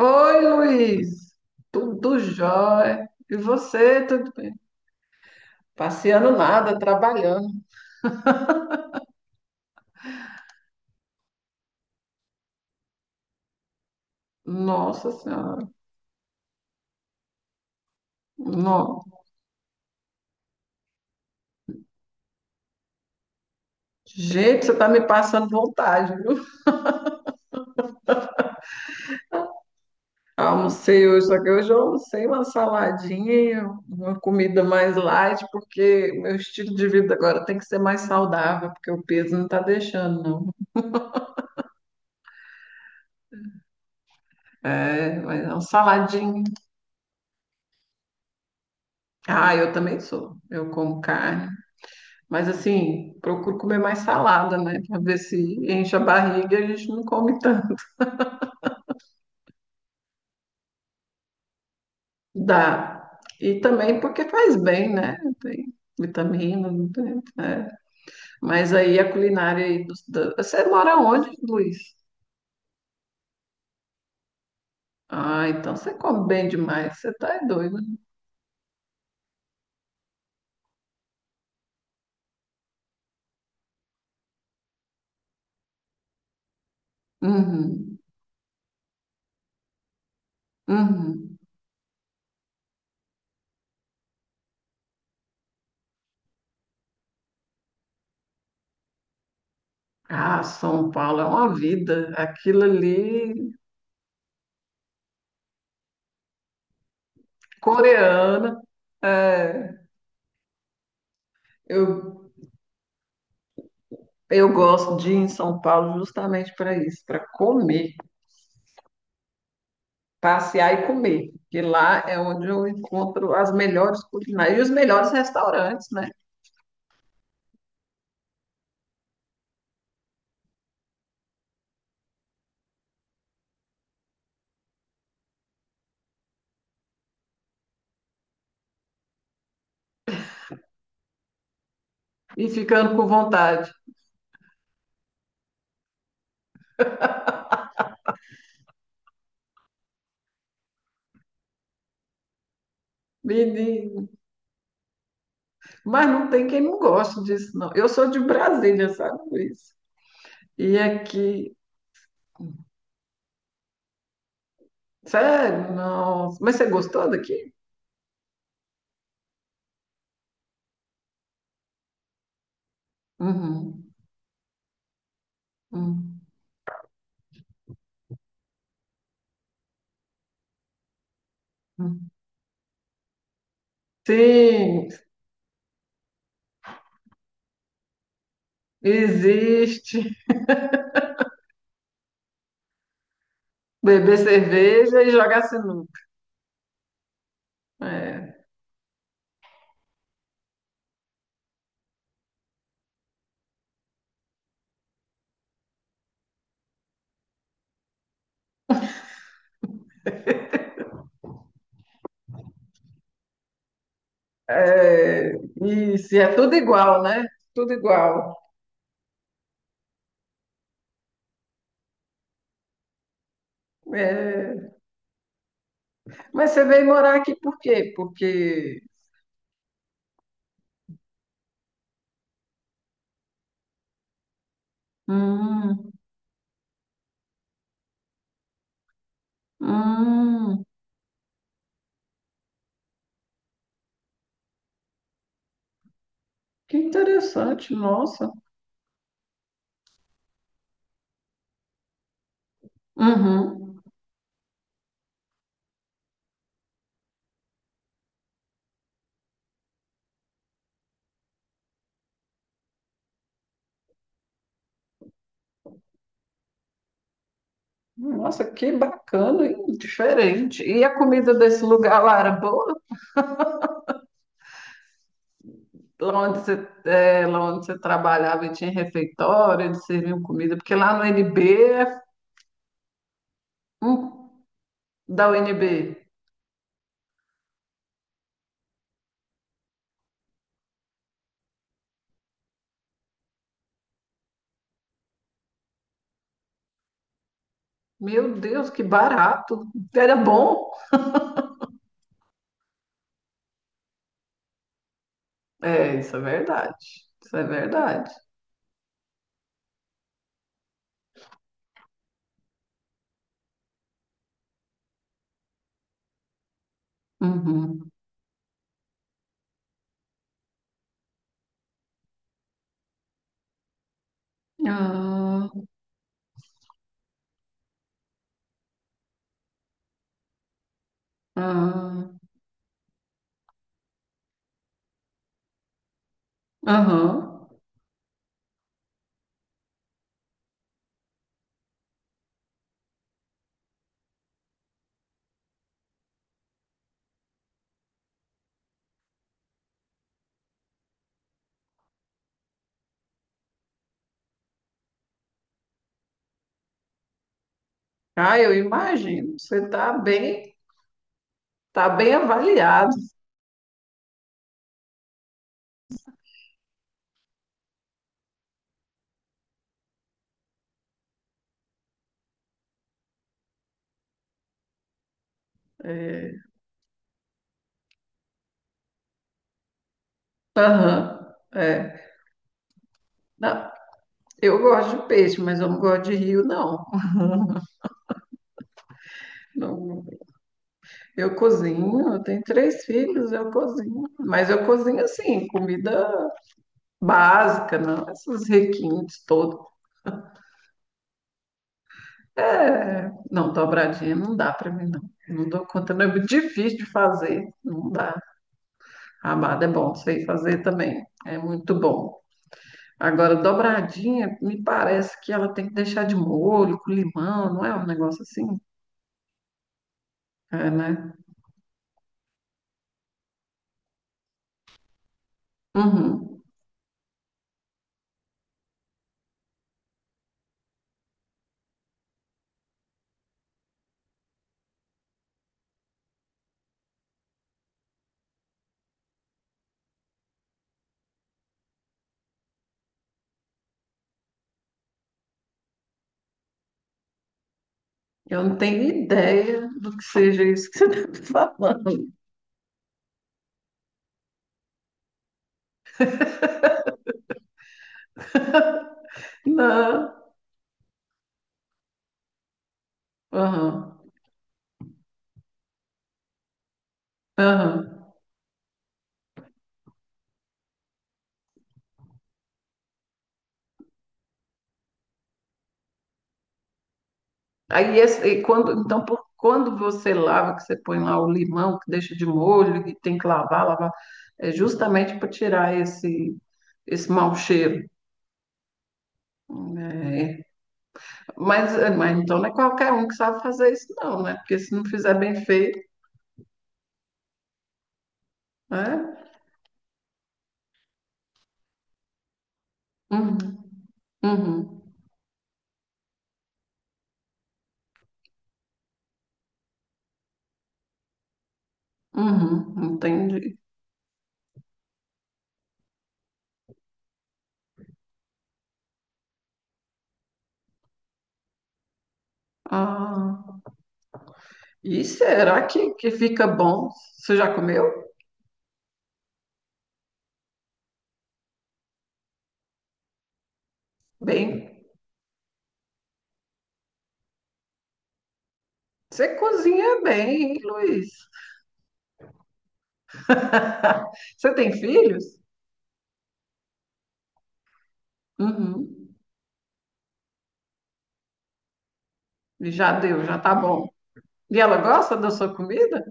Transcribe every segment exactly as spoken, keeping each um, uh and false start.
Oi, Luiz. Tudo jóia. E você, tudo bem? Passeando nada, trabalhando. Nossa Senhora. Não. Gente, você tá me passando vontade, viu? Almocei hoje, só que hoje eu almocei uma saladinha, uma comida mais light, porque meu estilo de vida agora tem que ser mais saudável, porque o peso não tá deixando, não. É, mas é um saladinho. Ah, eu também sou. Eu como carne. Mas assim, procuro comer mais salada, né? Para ver se enche a barriga e a gente não come tanto. Dá. E também porque faz bem, né? Tem vitamina, não tem, né? Mas aí a culinária aí dos- da- você mora onde, Luiz? Ah, então você come bem demais. Você tá é doido. Uhum, uhum. Ah, São Paulo é uma vida. Aquilo ali, coreana. É, eu, eu gosto de ir em São Paulo justamente para isso, para comer, passear e comer, porque lá é onde eu encontro as melhores culinárias e os melhores restaurantes, né? E ficando com vontade. Menino, mas não tem quem não goste disso, não. Eu sou de Brasília, sabe, Luiz? E aqui, sério, nossa. Mas você gostou daqui? Uhum, uhum, uhum. Sim, existe, beber cerveja e jogar sinuca. É, é, isso, e é tudo igual, né? Tudo igual. É. Mas você veio morar aqui por quê? Porque. Hum, hum, que interessante, nossa. Uhum. Nossa, que bacana, hein? Diferente. E a comida desse lugar lá era boa? Lá onde você, é, lá onde você trabalhava e tinha refeitório, eles serviam comida? Porque lá no N B é hum, da U N B. Meu Deus, que barato! Era bom. É, isso é verdade. Isso é verdade. Uhum. Ah, ah. Aham. Ah, eu imagino. Você está bem, tá bem avaliado. É. Aham. É. Não, eu gosto de peixe, mas eu não gosto de rio, não. Não. Eu cozinho, eu tenho três filhos, eu cozinho. Mas eu cozinho assim, comida básica, não. Esses requintes todos. É, não, dobradinha não dá para mim, não. Não dou conta, não. É muito difícil de fazer. Não dá. Rabada é bom, sei fazer também. É muito bom. Agora, dobradinha, me parece que ela tem que deixar de molho, com limão, não é um negócio assim? É, né? Uhum. Eu não tenho ideia do que seja isso que você está falando. Não. Aham. Aham. Aí, esse- e quando, então, por, quando você lava, que você põe lá o limão, que deixa de molho, que tem que lavar, lavar, é justamente para tirar esse, esse mau cheiro. Né? Mas, mas então não é qualquer um que sabe fazer isso, não, né? Porque se não fizer bem feito. É? Uhum, uhum, uhum, entendi. Ah, e será que, que fica bom? Você já comeu? Bem, você cozinha bem, hein, Luiz? Você tem filhos? Uhum, já deu, já tá bom. E ela gosta da sua comida?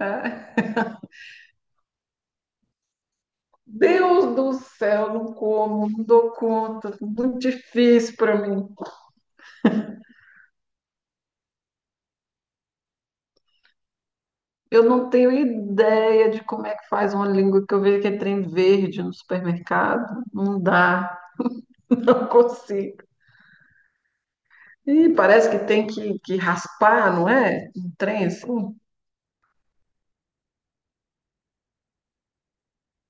É. Deus do céu, não como, não dou conta, muito difícil para mim. Eu não tenho ideia de como é que faz uma língua que eu vejo que é trem verde no supermercado. Não dá. Não consigo. E parece que tem que, que raspar, não é? Um trem assim.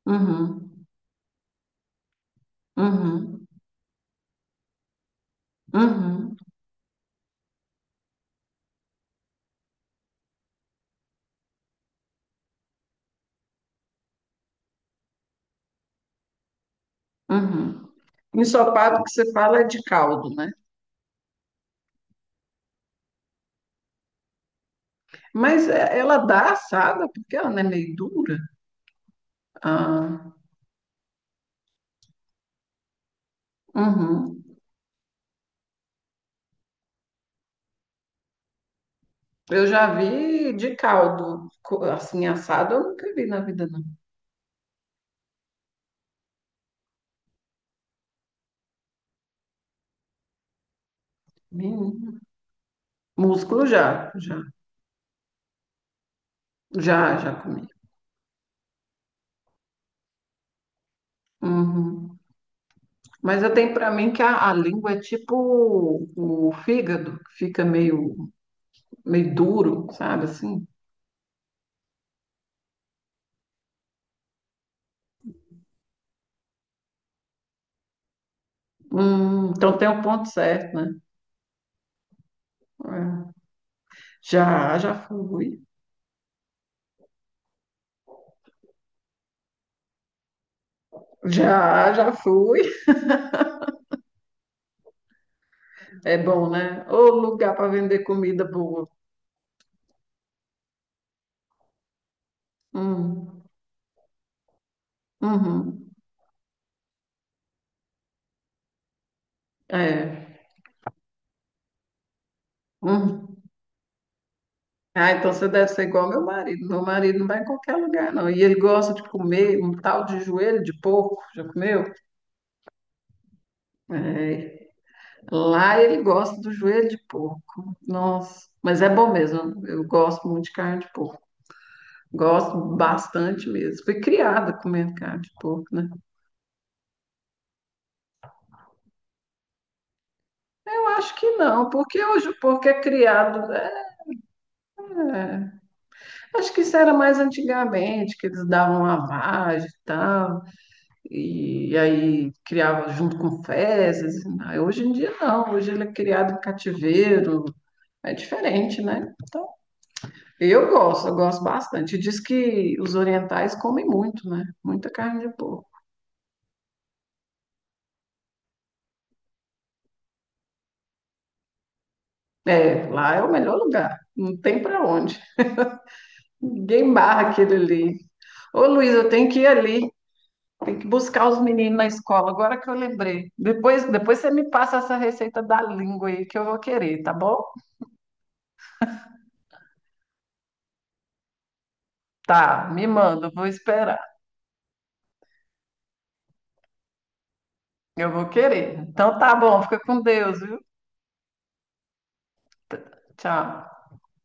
Uhum, uhum, uhum, uhum. Ensopado que você fala é de caldo, né? Mas é- ela dá assada porque ela não é meio dura. Ah, uhum. Eu já vi de caldo, co- assim, assado eu nunca vi na vida, não. Menino. Músculo já, já, já, já comi. Uhum. Mas eu tenho para mim que a, a língua é tipo o, o fígado, que fica meio, meio duro, sabe assim? Hum, então tem um ponto certo, né? É. Já, já fui. Já, já fui. É bom, né? Ô lugar para vender comida boa. Hum, uhum, é. Hum. Ah, então você deve ser igual ao meu marido. Meu marido não vai em qualquer lugar, não. E ele gosta de comer um tal de joelho de porco. Já comeu? É. Lá ele gosta do joelho de porco. Nossa, mas é bom mesmo. Eu gosto muito de carne de porco. Gosto bastante mesmo. Fui criada comendo carne de porco, né? Eu acho que não, porque hoje o porco é criado. Né? Acho que isso era mais antigamente, que eles davam lavagem e tal, e aí criava junto com fezes. Aí hoje em dia não, hoje ele é criado em cativeiro. É diferente, né? Eu gosto, eu gosto bastante. Diz que os orientais comem muito, né? Muita carne de porco. É, lá é o melhor lugar. Não tem para onde. Ninguém barra aquele ali. Ô, Luiz, eu tenho que ir ali. Tem que buscar os meninos na escola, agora que eu lembrei. Depois, depois você me passa essa receita da língua aí que eu vou querer, tá bom? Tá, me manda, eu vou esperar. Eu vou querer. Então tá bom, fica com Deus, viu? T- Tchau.